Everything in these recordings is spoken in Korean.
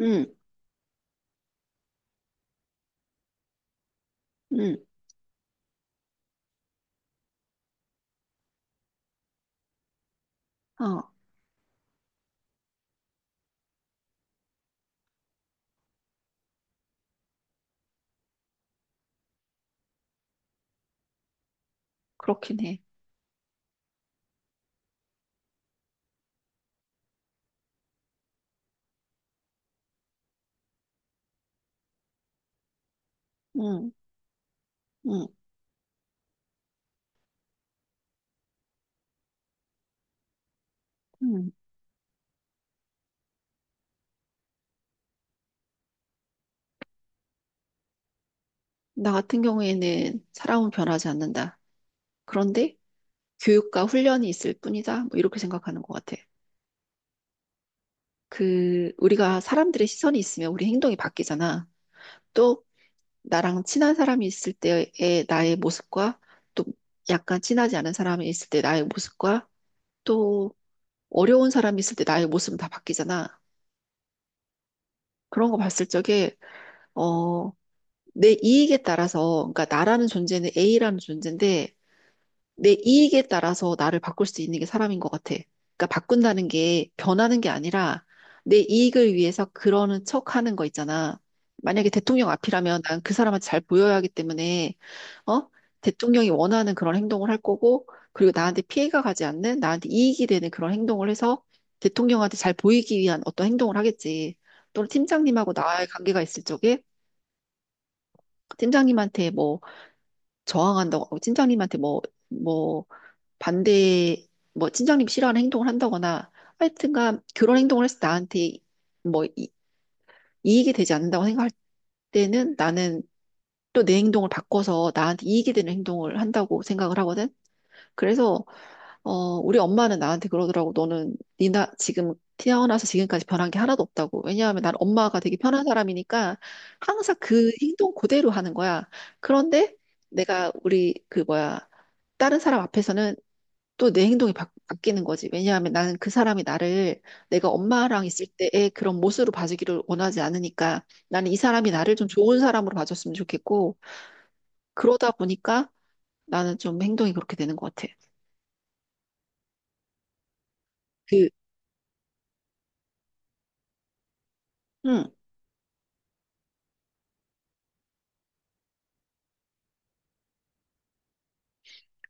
응, 응, 어, 그렇긴 해. 응, 응, 응. 나 같은 경우에는 사람은 변하지 않는다. 그런데 교육과 훈련이 있을 뿐이다. 뭐 이렇게 생각하는 것 같아. 우리가 사람들의 시선이 있으면 우리 행동이 바뀌잖아. 또, 나랑 친한 사람이 있을 때의 나의 모습과 또 약간 친하지 않은 사람이 있을 때 나의 모습과 또 어려운 사람이 있을 때 나의 모습은 다 바뀌잖아. 그런 거 봤을 적에, 어, 내 이익에 따라서, 그러니까 나라는 존재는 A라는 존재인데, 내 이익에 따라서 나를 바꿀 수 있는 게 사람인 것 같아. 그러니까 바꾼다는 게 변하는 게 아니라, 내 이익을 위해서 그러는 척 하는 거 있잖아. 만약에 대통령 앞이라면 난 그 사람한테 잘 보여야 하기 때문에, 어? 대통령이 원하는 그런 행동을 할 거고, 그리고 나한테 피해가 가지 않는, 나한테 이익이 되는 그런 행동을 해서 대통령한테 잘 보이기 위한 어떤 행동을 하겠지. 또는 팀장님하고 나와의 관계가 있을 적에, 팀장님한테 뭐, 저항한다고 하고 팀장님한테 뭐, 뭐, 반대, 뭐, 팀장님이 싫어하는 행동을 한다거나 하여튼간 그런 행동을 해서 나한테 뭐 이익이 되지 않는다고 생각할 때는 나는 또 내 행동을 바꿔서 나한테 이익이 되는 행동을 한다고 생각을 하거든. 그래서 우리 엄마는 나한테 그러더라고. 너는 니나 지금 태어나서 지금까지 변한 게 하나도 없다고. 왜냐하면 난 엄마가 되게 편한 사람이니까 항상 그 행동 그대로 하는 거야. 그런데 내가 우리 그 뭐야 다른 사람 앞에서는 또 내 행동이 뀌는 거지. 왜냐하면 나는 그 사람이 나를 내가 엄마랑 있을 때의 그런 모습으로 봐주기를 원하지 않으니까 나는 이 사람이 나를 좀 좋은 사람으로 봐줬으면 좋겠고 그러다 보니까 나는 좀 행동이 그렇게 되는 것 같아. 그, 음.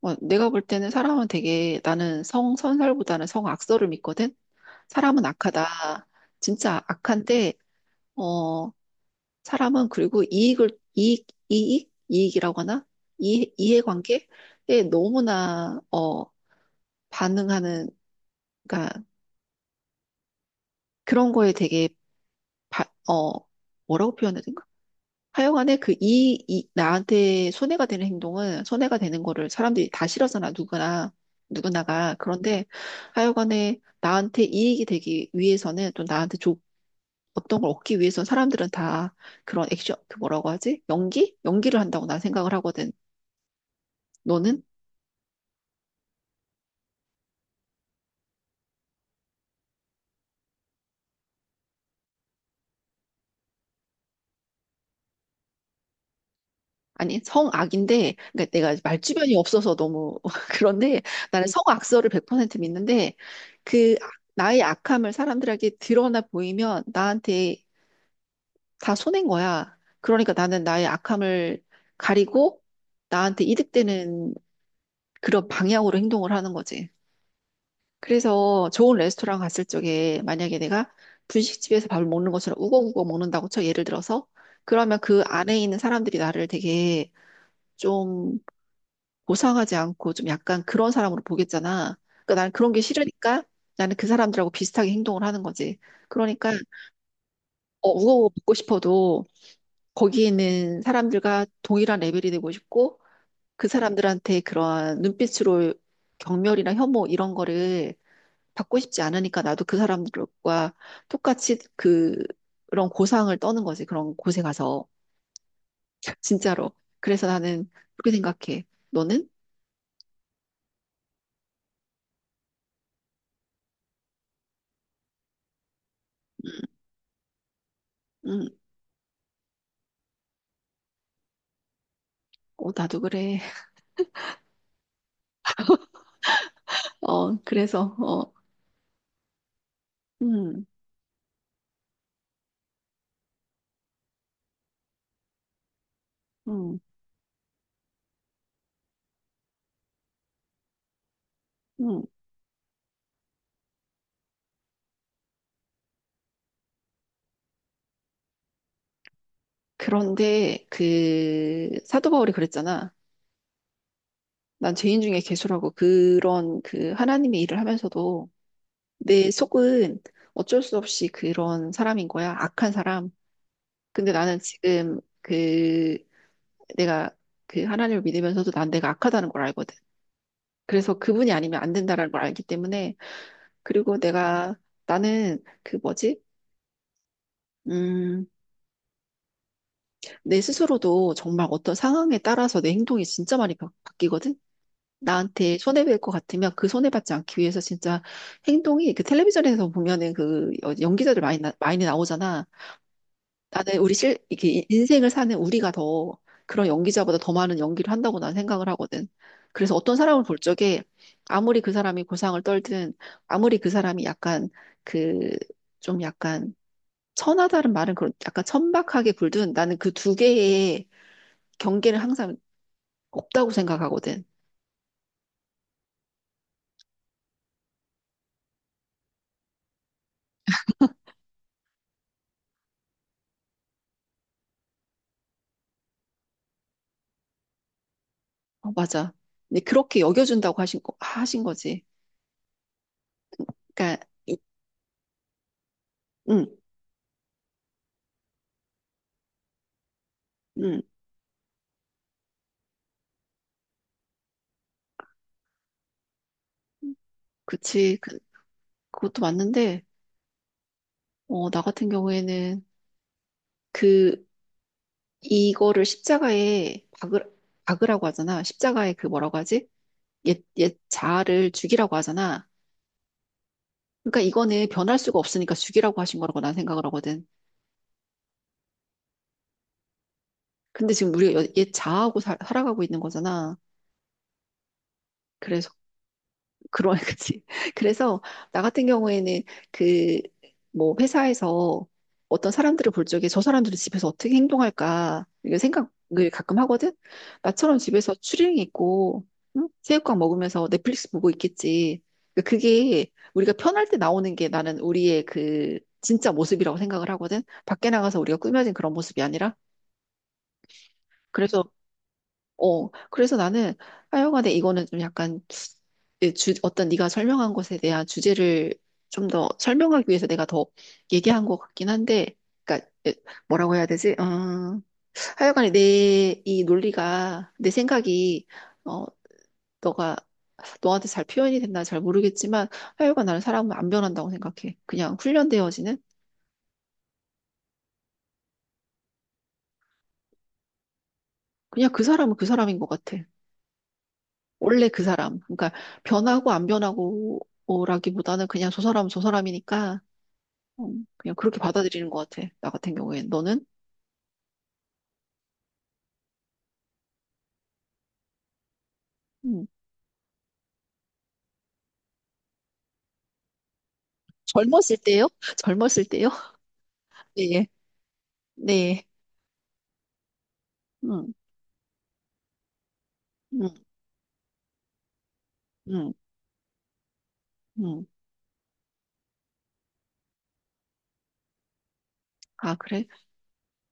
어, 내가 볼 때는 사람은 되게 나는 성선설보다는 성악설을 믿거든. 사람은 악하다. 진짜 악한데 어 사람은 그리고 이익을 이익 이익 이익이라고 하나? 이 이해관계에 너무나 어 반응하는 그러니까 그런 거에 되게 바, 어 뭐라고 표현해야 되지? 하여간에 그 나한테 손해가 되는 행동은 손해가 되는 거를 사람들이 다 싫어하잖아, 누구나, 누구나가. 그런데 하여간에 나한테 이익이 되기 위해서는 또 나한테 어떤 걸 얻기 위해서 사람들은 다 그런 액션, 그 뭐라고 하지? 연기를 한다고 난 생각을 하거든. 너는? 아니, 성악인데, 그러니까 내가 말주변이 없어서 너무 그런데 나는 성악설을 100% 믿는데 그 나의 악함을 사람들에게 드러나 보이면 나한테 다 손해인 거야. 그러니까 나는 나의 악함을 가리고 나한테 이득되는 그런 방향으로 행동을 하는 거지. 그래서 좋은 레스토랑 갔을 적에 만약에 내가 분식집에서 밥을 먹는 것처럼 우거우거 먹는다고 쳐 예를 들어서 그러면 그 안에 있는 사람들이 나를 되게 좀 고상하지 않고 좀 약간 그런 사람으로 보겠잖아. 그러니까 나는 그런 게 싫으니까 나는 그 사람들하고 비슷하게 행동을 하는 거지. 그러니까 우거우거 먹고 싶어도 거기에 있는 사람들과 동일한 레벨이 되고 싶고 그 사람들한테 그러한 눈빛으로 경멸이나 혐오 이런 거를 받고 싶지 않으니까 나도 그 사람들과 똑같이 그 그런 고상을 떠는 거지. 그런 곳에 가서 진짜로. 그래서 나는 그렇게 생각해. 너는? 음, 음, 어, 나도 그래. 어, 그래서 어, 음, 음, 음. 그런데 그 사도 바울이 그랬잖아. 난 죄인 중에 괴수라고 그런 그 하나님의 일을 하면서도 내 속은 어쩔 수 없이 그런 사람인 거야. 악한 사람. 근데 나는 지금 그 내가 그 하나님을 믿으면서도 난 내가 악하다는 걸 알거든. 그래서 그분이 아니면 안 된다라는 걸 알기 때문에 그리고 내가 나는 그 뭐지? 음, 내 스스로도 정말 어떤 상황에 따라서 내 행동이 진짜 많이 바뀌거든. 나한테 손해볼 것 같으면 그 손해받지 않기 위해서 진짜 행동이 그 텔레비전에서 보면은 그 연기자들 많이, 많이 나오잖아. 나는 우리 이게 인생을 사는 우리가 더 그런 연기자보다 더 많은 연기를 한다고 난 생각을 하거든. 그래서 어떤 사람을 볼 적에 아무리 그 사람이 고상을 떨든 아무리 그 사람이 약간 그 좀 약간 천하다는 말은 그런 약간 천박하게 굴든 나는 그 두 개의 경계는 항상 없다고 생각하거든. 어, 맞아. 근데 그렇게 여겨준다고 하신 하신 거지. 그러니까, 이- 응, 응, 그치. 그, 그것도 맞는데, 나 같은 경우에는 그, 이거를 십자가에 박으라고 하잖아. 십자가에 그 뭐라고 하지? 옛 자아를 죽이라고 하잖아. 그러니까 이거는 변할 수가 없으니까 죽이라고 하신 거라고 난 생각을 하거든. 근데 지금 우리가 여- 옛 자아하고 아가고 있는 거잖아. 그런 거지. 그래서 나 같은 경우에는 그 뭐 회사에서 어떤 사람들을 볼 적에 저 사람들은 집에서 어떻게 행동할까 이런 생각을 가끔 하거든. 나처럼 집에서 추리닝 입고 응? 새우깡 먹으면서 넷플릭스 보고 있겠지. 그러니까 그게 우리가 편할 때 나오는 게 나는 우리의 그 진짜 모습이라고 생각을 하거든. 밖에 나가서 우리가 꾸며진 그런 모습이 아니라. 그래서 어 그래서 나는 하여간에 이거는 좀 약간 어떤 네가 설명한 것에 대한 주제를 좀 더 설명하기 위해서 내가 더 얘기한 것 같긴 한데, 그러니까 예, 뭐라고 해야 되지? 하여간에 내 이 논리가 내 생각이 어, 너가 너한테 잘 표현이 됐나 잘 모르겠지만 하여간 나는 사람은 안 변한다고 생각해. 그냥 훈련되어지는 그냥 그 사람은 그 사람인 것 같아. 원래 그 사람. 그러니까 변하고 안 변하고라기보다는 그냥 저 사람은 저 사람이니까 그냥 그렇게 받아들이는 것 같아. 나 같은 경우엔 너는? 음, 젊었을 때요? 젊었을 때요? 네, 네. 음, 음, 음, 음. 아, 그래?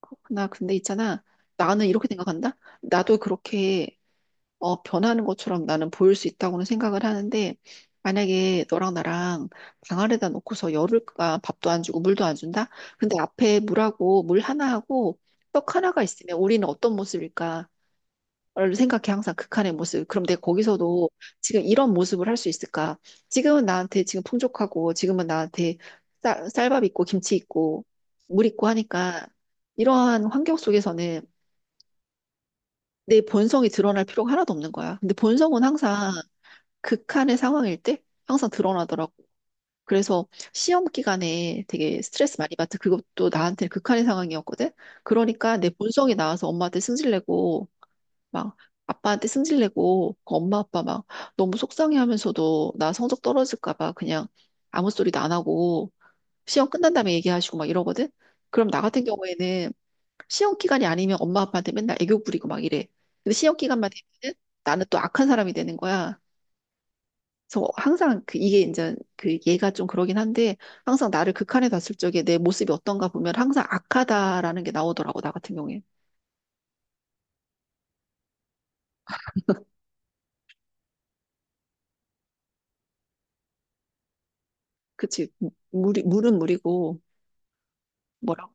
그렇구나. 근데 있잖아. 나는 이렇게 생각한다. 나도 그렇게 변하는 것처럼 나는 보일 수 있다고는 생각을 하는데, 만약에 너랑 나랑 방 안에다 놓고서 열흘간 밥도 안 주고 물도 안 준다? 근데 앞에 물하고 물 하나하고 떡 하나가 있으면 우리는 어떤 모습일까? 얼른 생각해 항상 극한의 모습. 그럼 내가 거기서도 지금 이런 모습을 할 수 있을까? 지금은 나한테 지금 풍족하고 지금은 나한테 쌀밥 있고 김치 있고 물 있고 하니까 이러한 환경 속에서는 내 본성이 드러날 필요가 하나도 없는 거야. 근데 본성은 항상 극한의 상황일 때 항상 드러나더라고. 그래서 시험 기간에 되게 스트레스 많이 받아. 그것도 나한테 극한의 상황이었거든. 그러니까 내 본성이 나와서 엄마한테 승질내고 막 아빠한테 승질내고 그 엄마 아빠 막 너무 속상해하면서도 나 성적 떨어질까 봐 그냥 아무 소리도 안 하고 시험 끝난 다음에 얘기하시고 막 이러거든. 그럼 나 같은 경우에는 시험 기간이 아니면 엄마 아빠한테 맨날 애교 부리고 막 이래. 근데 시험 기간만 되면은 나는 또 악한 사람이 되는 거야. 그래서 항상 그 이게 이제 그 얘가 좀 그러긴 한데 항상 나를 극한에 뒀을 적에 내 모습이 어떤가 보면 항상 악하다라는 게 나오더라고 나 같은 경우에. 그치 물이 물은 물이고 뭐라고?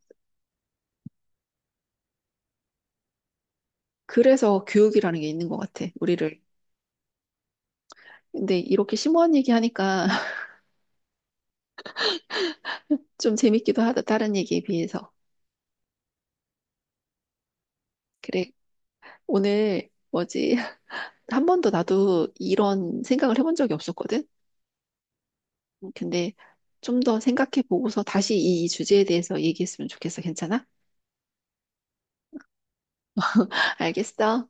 그래서 교육이라는 게 있는 것 같아, 우리를. 근데 이렇게 심오한 얘기 하니까 좀 재밌기도 하다, 다른 얘기에 비해서. 그래, 오늘 뭐지? 한 번도 나도 이런 생각을 해본 적이 없었거든? 근데 좀 더 생각해 보고서 다시 이 주제에 대해서 얘기했으면 좋겠어. 괜찮아? 알겠어.